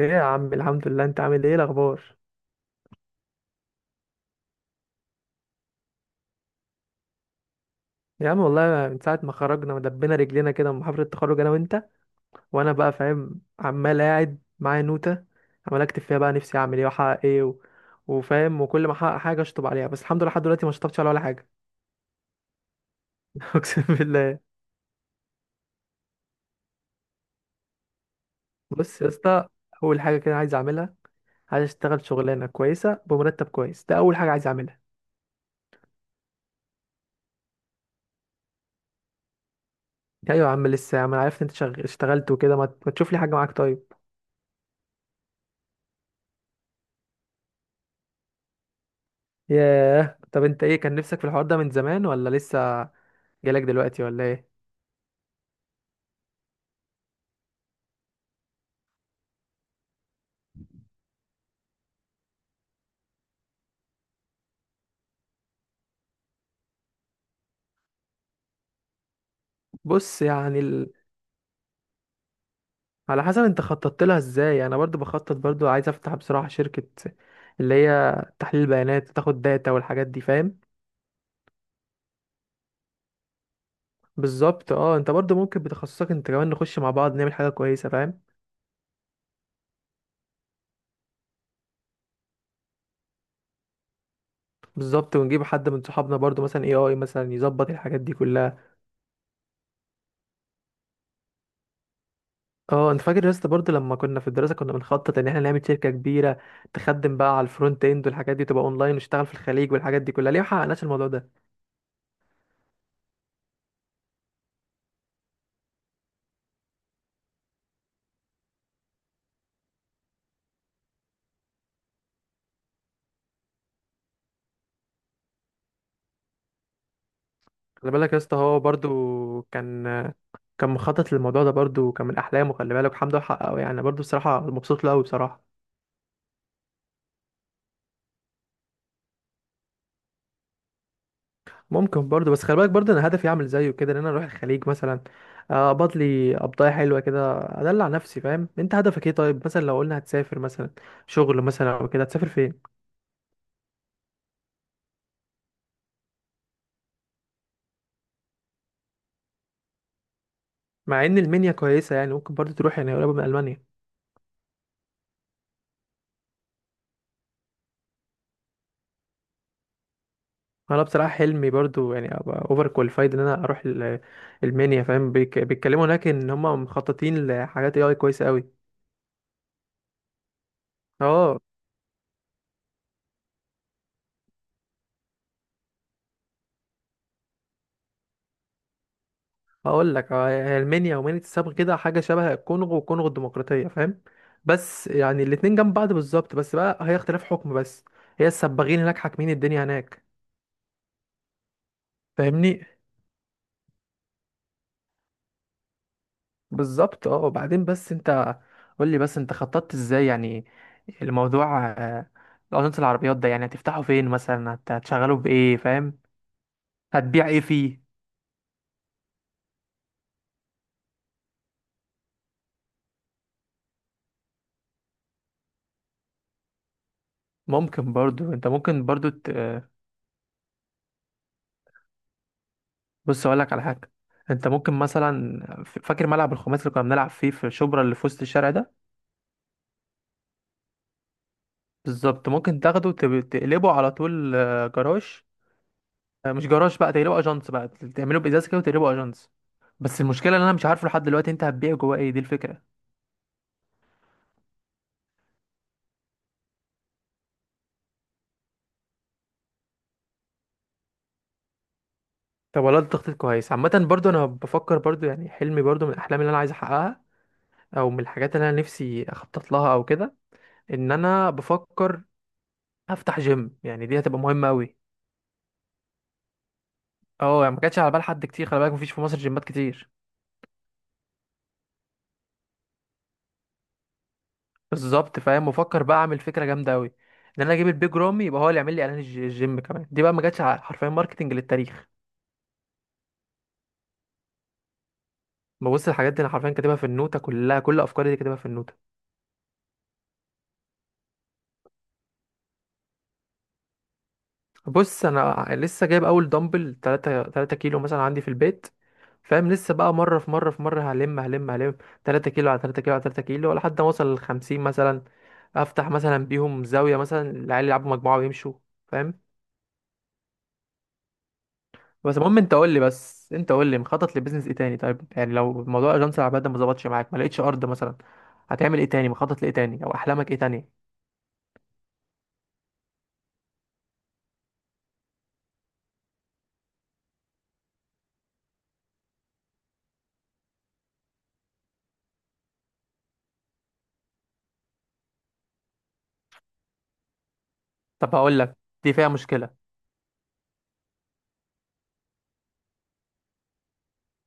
ايه يا عم. الحمد لله، انت عامل ايه، الاخبار؟ يا عم والله من ساعه ما خرجنا ودبينا رجلينا كده من محاضره التخرج انا وانت، وانا بقى فاهم عمال قاعد معايا نوته عمال اكتب فيها بقى نفسي اعمل ايه واحقق ايه وفاهم، وكل ما احقق حاجه اشطب عليها. بس الحمد لله لحد دلوقتي ما شطبتش على ولا حاجه. اقسم بالله. بص يا اسطى، اول حاجه كده عايز اعملها، عايز اشتغل شغلانه كويسه بمرتب كويس. ده اول حاجه عايز اعملها. ايوه يا عم، لسه يا عم. انا عرفت انت اشتغلت وكده، ما تشوف لي حاجه معاك طيب؟ ياه، طب انت ايه كان نفسك في الحوار ده من زمان ولا لسه جالك دلوقتي ولا ايه؟ بص يعني على حسب انت خططت لها ازاي. انا برضو بخطط، برضو عايز افتح بصراحة شركة اللي هي تحليل بيانات، تاخد داتا والحاجات دي، فاهم؟ بالظبط اه. انت برضو ممكن بتخصصك انت كمان نخش مع بعض نعمل حاجة كويسة، فاهم؟ بالظبط، ونجيب حد من صحابنا برضو، مثلا اي اي مثلا يظبط الحاجات دي كلها. اه، انت فاكر يا اسطى برضه لما كنا في الدراسه كنا بنخطط ان احنا نعمل شركه كبيره تخدم بقى على الفرونت اند، والحاجات دي تبقى اونلاين، ونشتغل في الخليج والحاجات دي كلها؟ ليه ما حققناش الموضوع ده؟ خلي بالك يا اسطى هو برضه كان كان مخطط للموضوع ده برضه، كان من احلامه. خلي بالك الحمد لله حققه يعني، برضه بصراحه مبسوط له قوي بصراحه. ممكن برضه، بس خلي بالك برضه انا هدفي اعمل زيه كده، ان انا اروح الخليج مثلا، اقبض لي قبضايه حلوه كده، ادلع نفسي، فاهم؟ انت هدفك ايه طيب؟ مثلا لو قلنا هتسافر مثلا شغل مثلا او كده، هتسافر فين؟ مع ان المنيا كويسه يعني، ممكن برضو تروح، يعني قريبه من المانيا. انا بصراحه حلمي برضو يعني ابقى اوفر كواليفايد ان انا اروح المنيا، فاهم؟ بيتكلموا هناك ان هم مخططين لحاجات اي اي كويسه قوي. اه، هقول لك هي المنيا ومنيا السبق كده، حاجه شبه الكونغو والكونغو الديمقراطيه، فاهم؟ بس يعني الاتنين جنب بعض بالظبط، بس بقى هي اختلاف حكم بس. هي السباغين هناك حاكمين الدنيا هناك، فاهمني؟ بالظبط اه. وبعدين بس انت قول لي، بس انت خططت ازاي يعني الموضوع، اجنس العربيات ده يعني هتفتحه فين مثلا؟ هتشغله بايه، فاهم؟ هتبيع ايه فيه؟ ممكن برضو، انت ممكن برضو ت... آه، بص اقول لك على حاجه. انت ممكن مثلا فاكر ملعب الخماسي اللي كنا بنلعب فيه في شبرا، اللي في وسط الشارع ده؟ بالظبط. ممكن تاخده تقلبه على طول جراج. مش جراج بقى، تقلبه اجنس بقى، تعمله بازاز كده وتقلبه اجنس. بس المشكله ان انا مش عارفه لحد دلوقتي انت هتبيع جواه ايه. دي الفكره. طب والله ده تخطيط كويس. عامة برضو أنا بفكر برضو، يعني حلمي برضو من الأحلام اللي أنا عايز أحققها، أو من الحاجات اللي أنا نفسي أخطط لها أو كده، إن أنا بفكر أفتح جيم. يعني دي هتبقى مهمة أوي. أه يعني ما كانتش على بال حد كتير، خلي بالك مفيش في مصر جيمات كتير. بالظبط، فاهم؟ بفكر بقى أعمل فكرة جامدة أوي، إن أنا أجيب البيج رامي يبقى هو اللي يعمل لي إعلان الجيم. كمان دي بقى ما جاتش حرفيا ماركتنج للتاريخ. ببص الحاجات دي أنا حرفيا كاتبها في النوتة كلها، كل أفكاري دي كاتبها في النوتة. بص انا لسه جايب اول دمبل 3 كيلو مثلا عندي في البيت، فاهم؟ لسه بقى مره في مره في مره، هلم هلم هلم. 3 كيلو على 3 كيلو على 3 كيلو لحد ما اوصل ل 50 مثلا، افتح مثلا بيهم زاويه مثلا العيال يلعبوا مجموعه ويمشوا، فاهم؟ بس المهم انت قول لي، بس انت قول لي مخطط لبيزنس ايه تاني طيب؟ يعني لو موضوع اجنس العمال ده ما ظبطش معاك، ما لقيتش ارض مثلا، هتعمل ايه تاني؟ مخطط لايه تاني، او احلامك ايه تاني؟ طب هقول لك، دي فيها مشكله.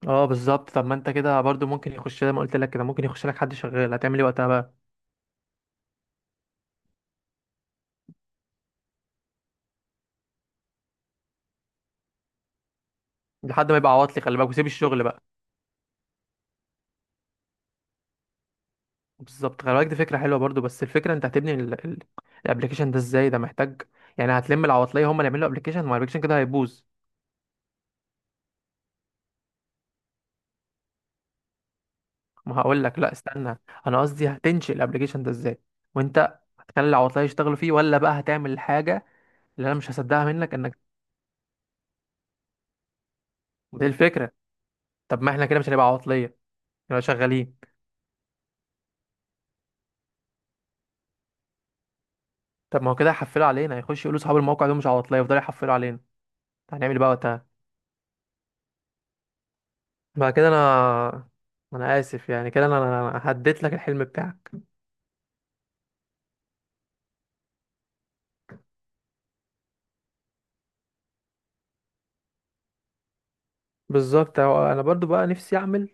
اه بالظبط. طب ما انت كده برضو ممكن يخش، زي ما قلت لك كده، ممكن يخش لك حد شغال. هتعمل ايه وقتها بقى؟ لحد ما يبقى عواطلي، خلي بالك، وسيب الشغل بقى. بالظبط، خلي بالك دي فكره حلوه برضو، بس الفكره انت هتبني الابليكيشن ده ازاي؟ ده محتاج، يعني هتلم العواطليه هم اللي يعملوا ابليكيشن؟ ما الابليكيشن كده هيبوظ. ما هقول لك، لا استنى، انا قصدي هتنشئ الابليكيشن ده ازاي؟ وانت هتخلي العواطليه يشتغلوا فيه، ولا بقى هتعمل الحاجه اللي انا مش هصدقها منك انك، دي الفكره؟ طب ما احنا كده مش هنبقى عواطليه، نبقى شغالين. طب ما هو كده هيحفلوا علينا، هيخش يقولوا اصحاب الموقع دول مش عواطليه، يفضلوا يحفلوا علينا. هنعمل إيه بقى وقتها؟ بعد كده انا اسف يعني كده. انا هديت لك الحلم بتاعك. بالظبط. أهو انا برضو بقى نفسي اعمل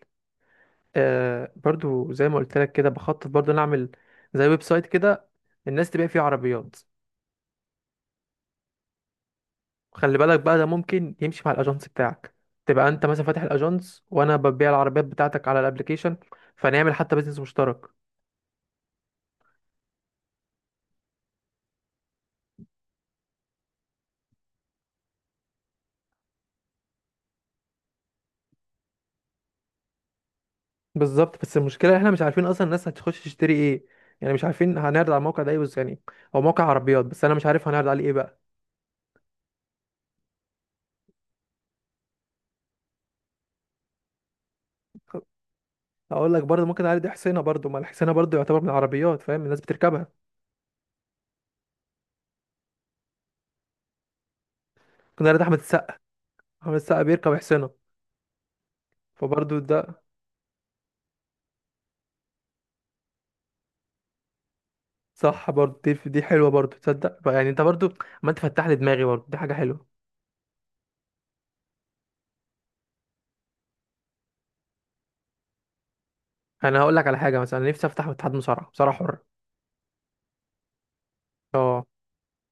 برضو، زي ما قلت لك كده بخطط برضو نعمل زي ويب سايت كده الناس تبيع فيه عربيات. خلي بالك بقى ده ممكن يمشي مع الاجنس بتاعك، تبقى انت مثلا فاتح الاجنس وانا ببيع العربيات بتاعتك على الابليكيشن، فنعمل حتى بيزنس مشترك. بالظبط، بس المشكله احنا مش عارفين اصلا الناس هتخش تشتري ايه، يعني مش عارفين هنعرض على الموقع ده ايه بس، يعني هو موقع عربيات بس انا مش عارف هنعرض عليه ايه بقى. اقول لك برضه، ممكن عادي حسينه برضه. ما الحسينه برضه يعتبر من العربيات، فاهم؟ الناس بتركبها. ممكن عادي احمد السقا. احمد السقا بيركب حسينه. فبرضه ده صح برضه. دي حلوه برضه، تصدق؟ يعني انت برضه، ما انت فتح لي دماغي برضه. دي حاجه حلوه. انا هقول لك على حاجه، مثلا نفسي افتح اتحاد مصارعه حره. اه،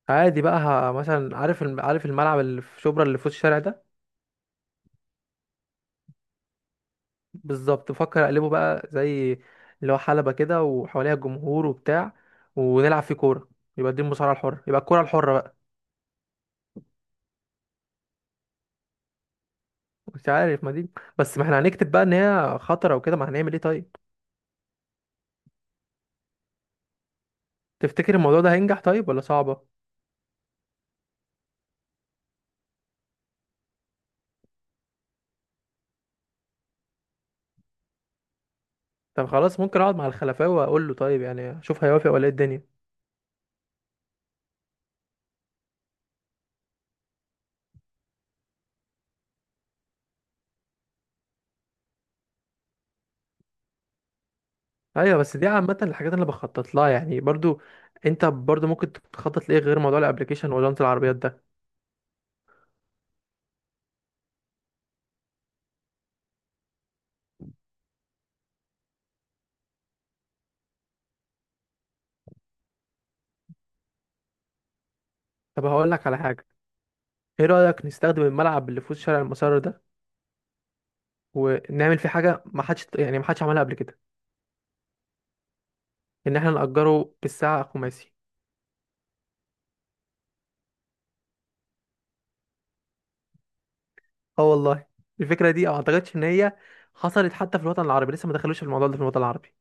عادي بقى مثلا عارف عارف الملعب اللي في شبرا اللي في وسط الشارع ده؟ بالظبط، بفكر اقلبه بقى زي اللي هو حلبه كده وحواليها جمهور وبتاع، ونلعب فيه كوره، يبقى دي المصارعه الحره، يبقى الكوره الحره بقى. مش عارف ما دي، بس ما احنا هنكتب بقى ان هي خطره وكده، ما هنعمل ايه طيب. تفتكر الموضوع ده هينجح طيب ولا صعبه؟ طب خلاص، ممكن اقعد مع الخلفاوي واقول له، طيب يعني اشوف هيوافق ولا ايه الدنيا. ايوه، بس دي عامه الحاجات اللي بخطط لها يعني برضو. انت برضو ممكن تخطط لايه غير موضوع الابليكيشن وجنط العربيات ده؟ طب هقول لك على حاجه. ايه رايك نستخدم الملعب اللي في وسط شارع المسار ده، ونعمل فيه حاجه ما حدش يعني ما حدش عملها قبل كده؟ ان احنا نأجره بالساعه خماسي. اه والله، الفكره دي ما اعتقدش ان هي حصلت حتى في الوطن العربي، لسه ما دخلوش في الموضوع ده في الوطن العربي.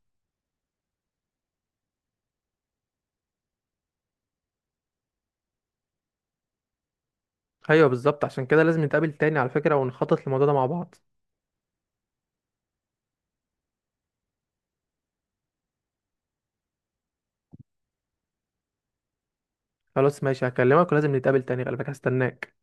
ايوه بالظبط، عشان كده لازم نتقابل تاني على فكره، ونخطط للموضوع ده مع بعض. خلاص ماشي، هكلمك، ولازم نتقابل تاني على فكره. هستناك.